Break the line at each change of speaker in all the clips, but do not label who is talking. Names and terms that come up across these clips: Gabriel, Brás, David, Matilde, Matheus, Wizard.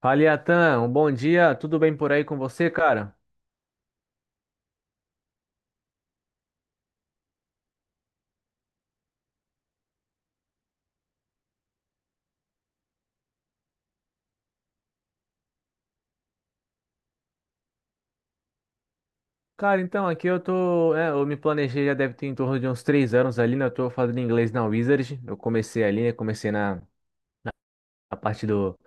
Fala, Iatan, um bom dia, tudo bem por aí com você, cara? Cara, então, aqui eu tô, eu me planejei já deve ter em torno de uns 3 anos ali, né? Eu tô fazendo inglês na Wizard, eu comecei ali, né? Comecei a parte do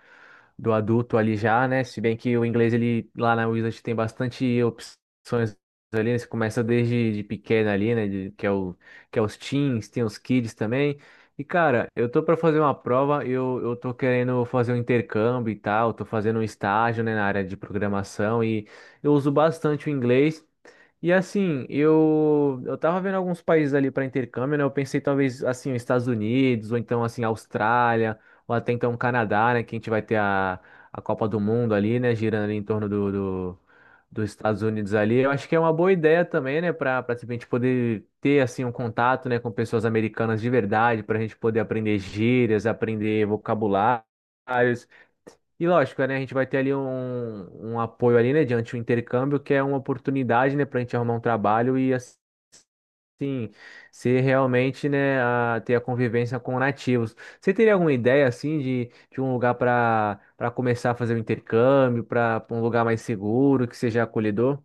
do adulto ali já, né? Se bem que o inglês ele lá na Wizard tem bastante opções ali, né? Você começa desde de pequeno ali, né? Que é os teens, tem os kids também. E cara, eu tô para fazer uma prova, eu tô querendo fazer um intercâmbio e tal, tô fazendo um estágio, né, na área de programação e eu uso bastante o inglês. E assim, eu tava vendo alguns países ali para intercâmbio, né? Eu pensei talvez assim, os Estados Unidos ou então assim, Austrália, ou até então o Canadá, né? Que a gente vai ter a Copa do Mundo ali, né? Girando ali em torno dos Estados Unidos ali. Eu acho que é uma boa ideia também, né? Para a gente poder ter assim um contato, né? Com pessoas americanas de verdade, para a gente poder aprender gírias, aprender vocabulários. E lógico, né? A gente vai ter ali um, um apoio ali, né? Diante do intercâmbio, que é uma oportunidade, né? Para a gente arrumar um trabalho e assim. Sim, ser realmente, né, ter a convivência com nativos. Você teria alguma ideia, assim, de um lugar para começar a fazer o intercâmbio, para um lugar mais seguro, que seja acolhedor?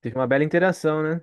Teve uma bela interação, né?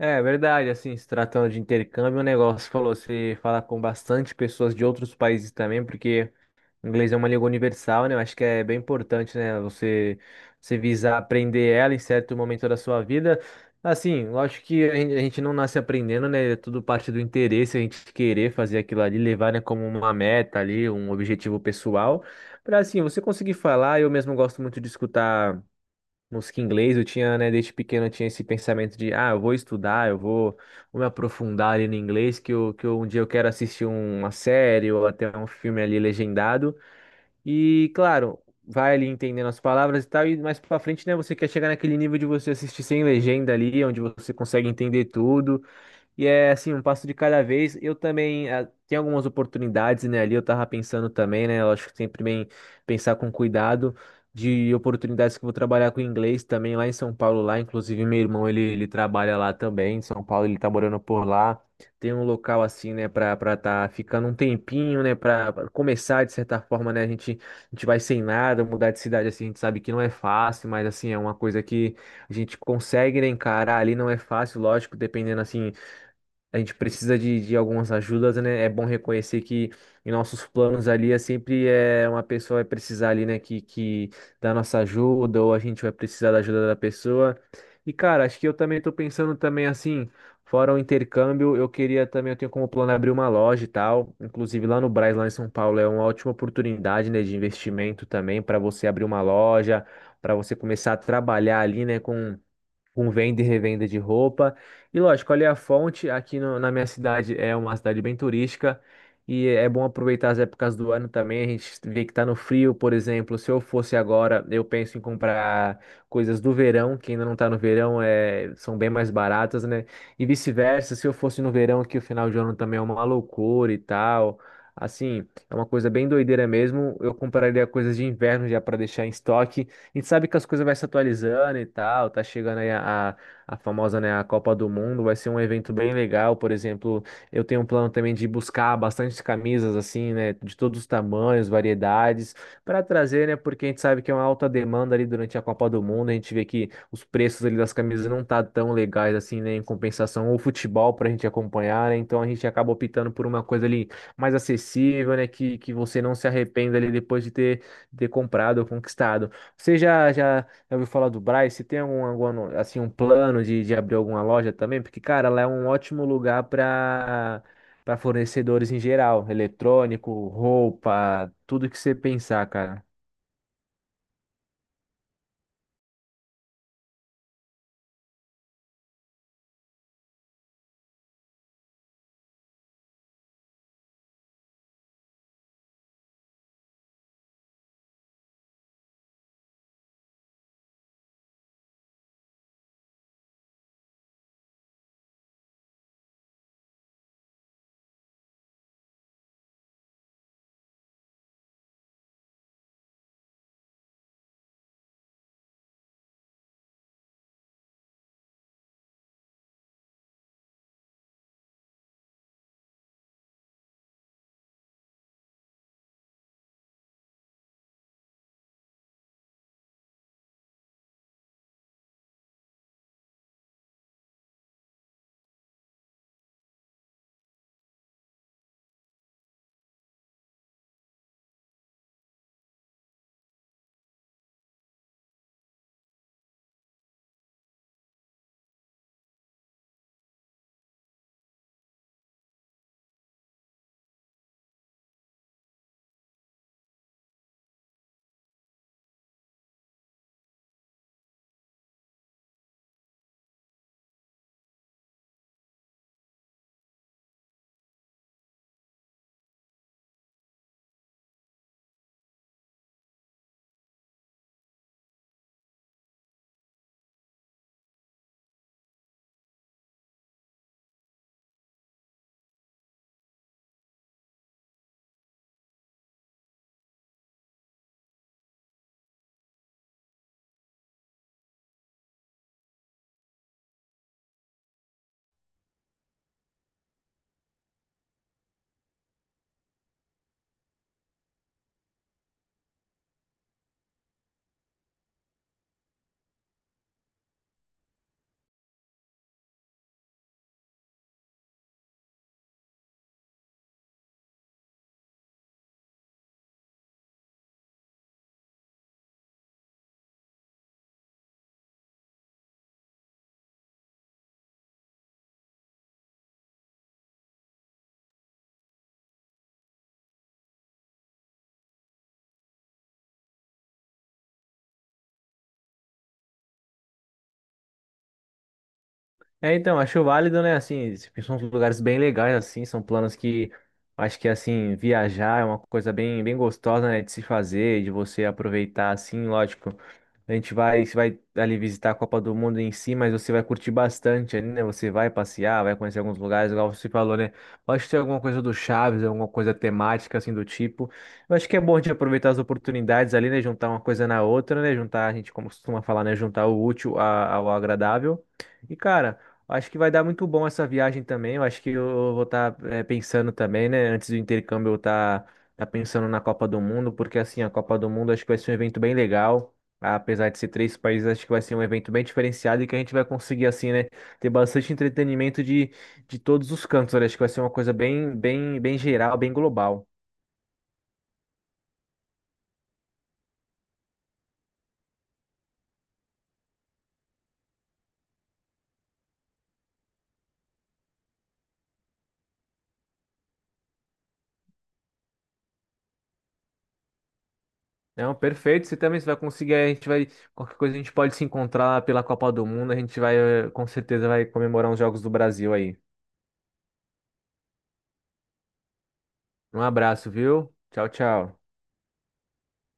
É verdade, assim, se tratando de intercâmbio, o negócio falou, você falar com bastante pessoas de outros países também, porque o inglês é uma língua universal, né? Eu acho que é bem importante, né? Você, você visar aprender ela em certo momento da sua vida. Assim, lógico que a gente não nasce aprendendo, né? É tudo parte do interesse, a gente querer fazer aquilo ali, levar, né, como uma meta ali, um objetivo pessoal. Para assim, você conseguir falar, eu mesmo gosto muito de escutar música em inglês. Eu tinha, né, desde pequeno, eu tinha esse pensamento de, ah, eu vou estudar, vou me aprofundar ali no inglês, um dia eu quero assistir uma série ou até um filme ali legendado. E, claro, vai ali entendendo as palavras e tal, e mais pra frente, né, você quer chegar naquele nível de você assistir sem legenda ali, onde você consegue entender tudo. E é assim, um passo de cada vez. Eu também tenho algumas oportunidades, né? Ali eu tava pensando também, né? Eu acho que sempre bem pensar com cuidado de oportunidades que eu vou trabalhar com inglês também lá em São Paulo, lá. Inclusive, meu irmão, ele trabalha lá também, em São Paulo, ele tá morando por lá. Tem um local assim, né, pra tá ficando um tempinho, né? Pra começar, de certa forma, né? A gente vai sem nada, mudar de cidade assim, a gente sabe que não é fácil, mas assim, é uma coisa que a gente consegue, né, encarar ali, não é fácil, lógico, dependendo assim a gente precisa de algumas ajudas, né? É bom reconhecer que em nossos planos ali é sempre uma pessoa vai precisar ali, né, que da nossa ajuda, ou a gente vai precisar da ajuda da pessoa. E, cara, acho que eu também tô pensando também assim, fora o intercâmbio, eu queria também, eu tenho como plano abrir uma loja e tal. Inclusive lá no Brás, lá em São Paulo, é uma ótima oportunidade, né, de investimento também para você abrir uma loja, para você começar a trabalhar ali, né, com venda e revenda de roupa. E lógico, olha a fonte, aqui na minha cidade, é uma cidade bem turística. E é bom aproveitar as épocas do ano também. A gente vê que tá no frio, por exemplo. Se eu fosse agora, eu penso em comprar coisas do verão, que ainda não tá no verão, é, são bem mais baratas, né? E vice-versa, se eu fosse no verão, que o final de ano também é uma loucura e tal. Assim, é uma coisa bem doideira mesmo. Eu compraria coisas de inverno já para deixar em estoque. A gente sabe que as coisas vai se atualizando e tal, tá chegando aí a famosa, né, a Copa do Mundo, vai ser um evento bem legal, por exemplo, eu tenho um plano também de buscar bastante camisas assim, né, de todos os tamanhos, variedades, para trazer, né, porque a gente sabe que é uma alta demanda ali durante a Copa do Mundo, a gente vê que os preços ali das camisas não tá tão legais assim, né, em compensação o futebol pra gente acompanhar, né, então a gente acaba optando por uma coisa ali mais acessível, né, que você não se arrependa ali depois de ter comprado ou conquistado. Você já ouviu falar do Brás? Você tem algum, alguma no- assim, um plano de abrir alguma loja também? Porque, cara, lá é um ótimo lugar para fornecedores em geral, eletrônico, roupa, tudo que você pensar, cara. É, então, acho válido, né? Assim, são uns lugares bem legais, assim, são planos que acho que, assim, viajar é uma coisa bem, bem gostosa, né? De se fazer, de você aproveitar, assim, lógico. A gente vai, você vai ali visitar a Copa do Mundo em si, mas você vai curtir bastante ali, né? Você vai passear, vai conhecer alguns lugares, igual você falou, né? Pode ter alguma coisa do Chaves, alguma coisa temática, assim, do tipo. Eu acho que é bom de aproveitar as oportunidades ali, né? Juntar uma coisa na outra, né? Juntar, a gente como costuma falar, né? Juntar o útil ao agradável. E, cara. Acho que vai dar muito bom essa viagem também. Eu acho que eu vou estar pensando também, né? Antes do intercâmbio, eu estar pensando na Copa do Mundo, porque assim, a Copa do Mundo acho que vai ser um evento bem legal. Apesar de ser três países, acho que vai ser um evento bem diferenciado e que a gente vai conseguir, assim, né? Ter bastante entretenimento de todos os cantos. Olha, acho que vai ser uma coisa bem, bem, bem geral, bem global. Não, perfeito. Você também você vai conseguir. A gente vai. Qualquer coisa a gente pode se encontrar pela Copa do Mundo. A gente vai, com certeza, vai comemorar os Jogos do Brasil aí. Um abraço, viu? Tchau, tchau.